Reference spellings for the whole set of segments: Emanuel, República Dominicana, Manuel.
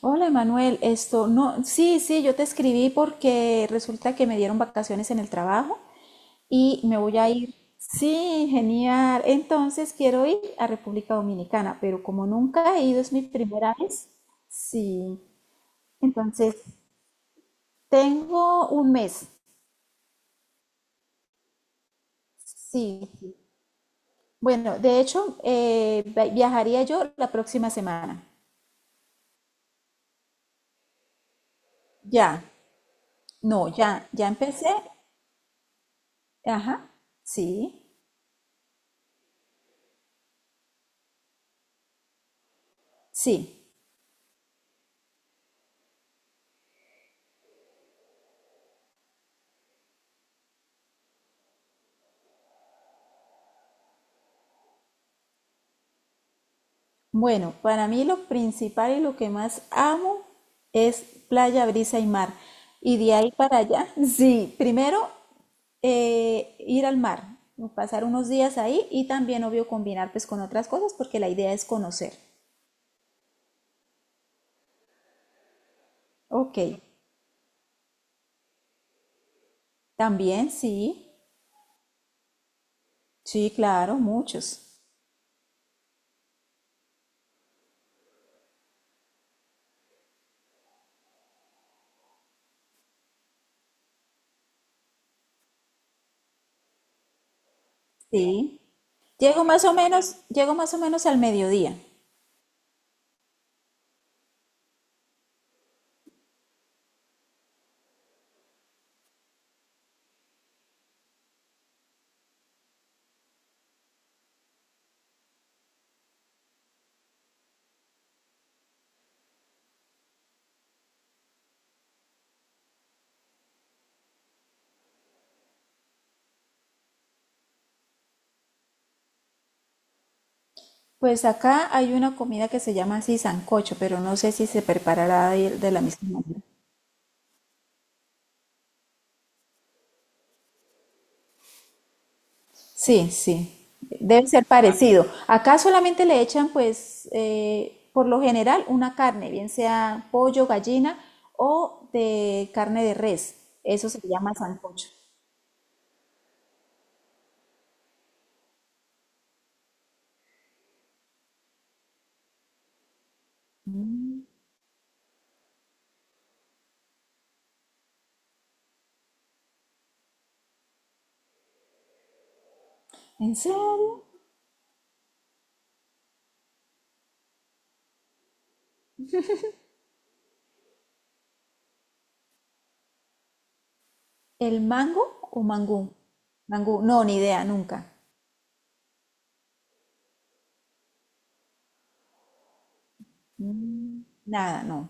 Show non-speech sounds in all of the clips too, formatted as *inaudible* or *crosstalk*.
Hola Manuel, esto no, sí, sí, yo te escribí porque resulta que me dieron vacaciones en el trabajo y me voy a ir. Sí, genial. Entonces quiero ir a República Dominicana, pero como nunca he ido, es mi primera vez. Sí, entonces tengo un mes. Sí, sí. Bueno, de hecho, viajaría yo la próxima semana. Ya, no, ya, ya empecé. Ajá, sí, sí. Bueno, para mí lo principal y lo que más amo es playa, brisa y mar. Y de ahí para allá, *laughs* sí, primero ir al mar, pasar unos días ahí y también, obvio, combinar pues con otras cosas porque la idea es conocer. Ok, también sí, sí, claro, muchos, sí. Llego más o menos al mediodía. Pues acá hay una comida que se llama así sancocho, pero no sé si se preparará de la misma manera. Sí, sí, debe ser parecido. Acá solamente le echan, pues, por lo general, una carne, bien sea pollo, gallina o de carne de res. Eso se llama sancocho. ¿En serio? ¿El mango o mangú? Mangú, no, ni idea, nunca. Nada, no.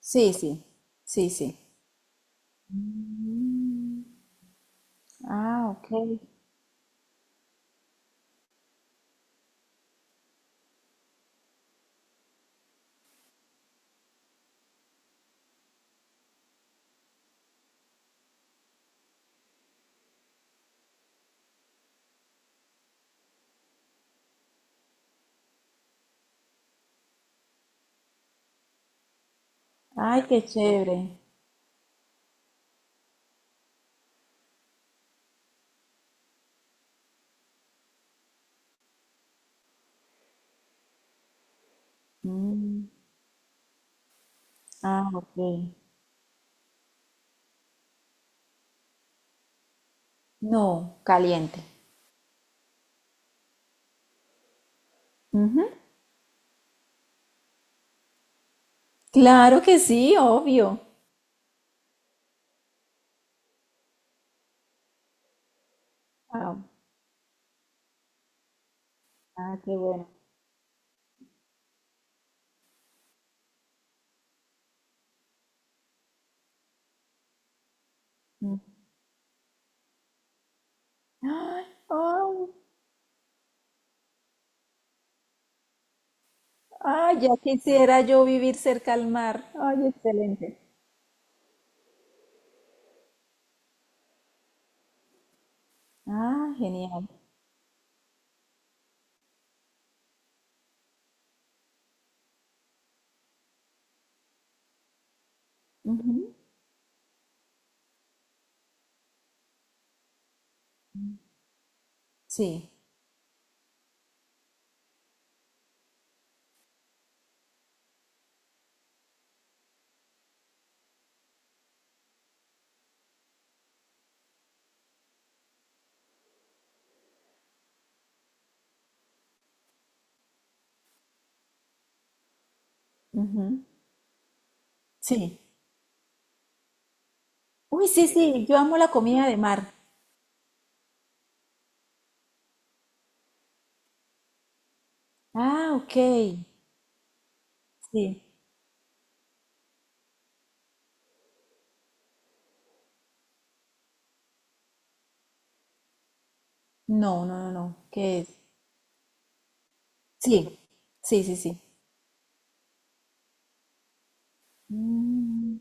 Sí, sí, sí, sí. Ah, ok. Ay, qué chévere. Mm. Ah, ok. No, caliente. Ujú. Claro que sí, obvio. Ah, ah, qué bueno. Mm. Ay, au. Ay, ya quisiera yo vivir cerca al mar. Ay, excelente. Ah, genial. Ujú. Sí. Ujú. Sí. Uy, sí, sí, yo amo la comida de mar. Ah, ok. Sí. No, no, no, no. ¿Qué es? Sí, sí, sí, sí. Mm.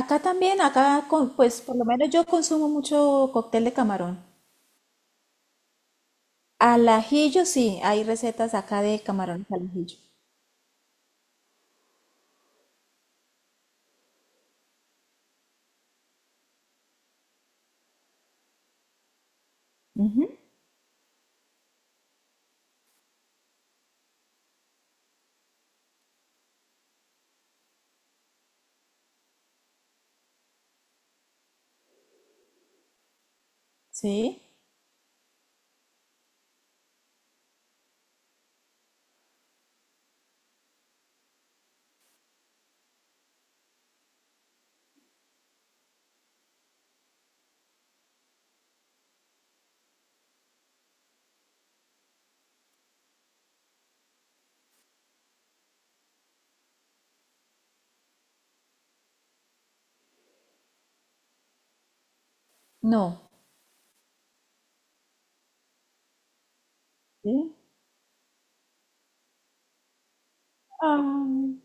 Acá también, acá, pues por lo menos yo consumo mucho cóctel de camarón. Al ajillo, sí, hay recetas acá de camarones al ajillo. ¿Sí? No. ¿Sí? Am.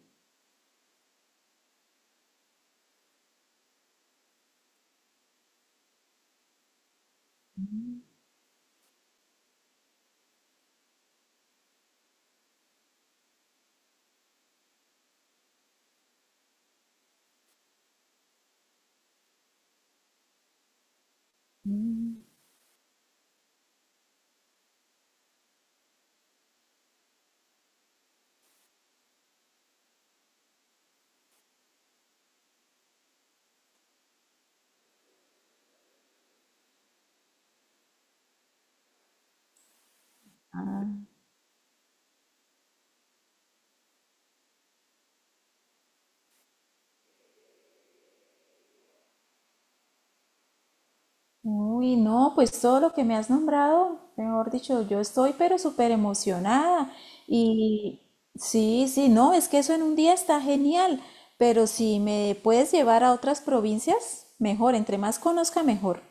Uy, no, pues todo lo que me has nombrado, mejor dicho, yo estoy pero súper emocionada. Y sí, sí, no, es que eso en un día está genial, pero si me puedes llevar a otras provincias, mejor, entre más conozca, mejor.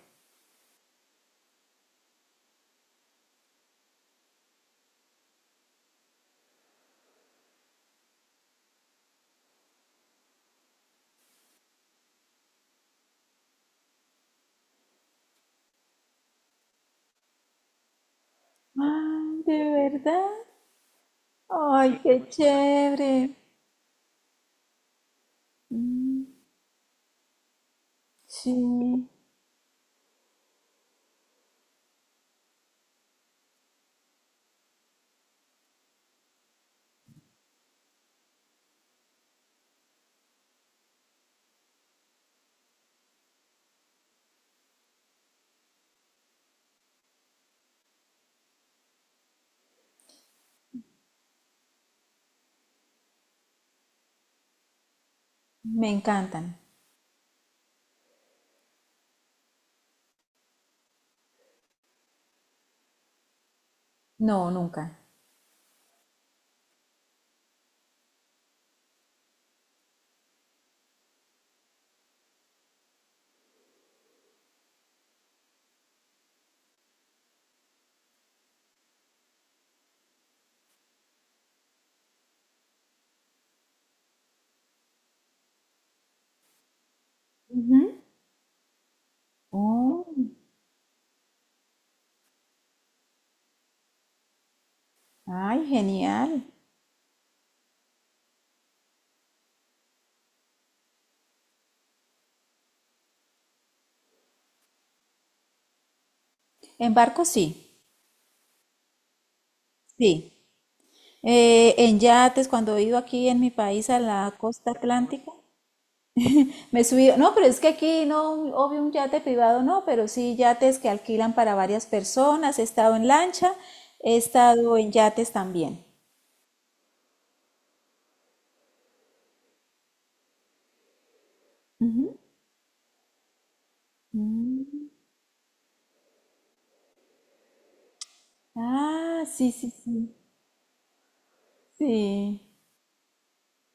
Ay, ¿de verdad? Ay, qué chévere. Sí, me encantan. No, nunca. Ujú. Oh, ay, genial. En barco sí, sí. En yates, cuando he ido aquí en mi país a la costa atlántica, me he subido. No, pero es que aquí no, obvio un yate privado no, pero sí yates que alquilan para varias personas. He estado en lancha, he estado en yates también. Mm. Ah, sí, sí, sí, sí.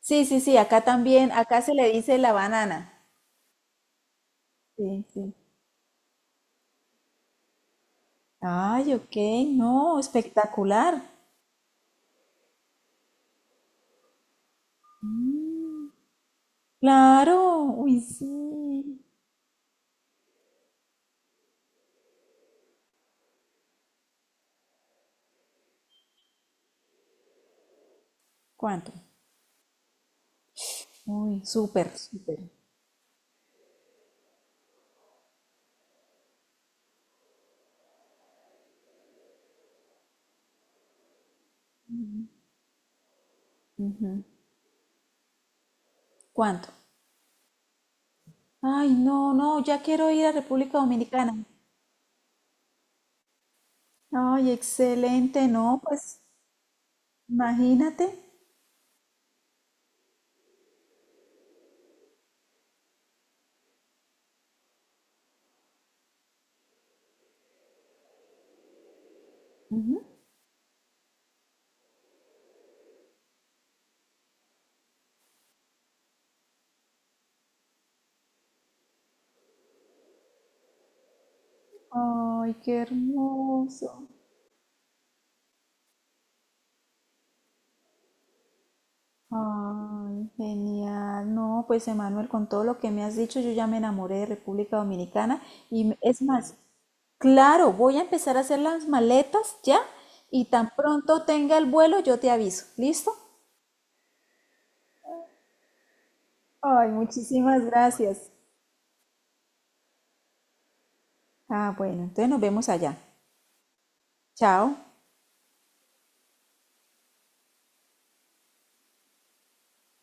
Sí, sí, sí, acá también, acá se le dice la banana. Sí, sí. Ay, ok, no, espectacular. Claro, uy, sí. ¿Cuánto? Uy, súper, súper. ¿Cuánto? Ay, no, no, ya quiero ir a República Dominicana. Ay, excelente, no, pues imagínate. Ay, qué hermoso. Ay, genial. No, pues Emanuel, con todo lo que me has dicho, yo ya me enamoré de República Dominicana y es más, claro, voy a empezar a hacer las maletas ya y tan pronto tenga el vuelo, yo te aviso. ¿Listo? Ay, muchísimas gracias. Ah, bueno, entonces nos vemos allá. Chao.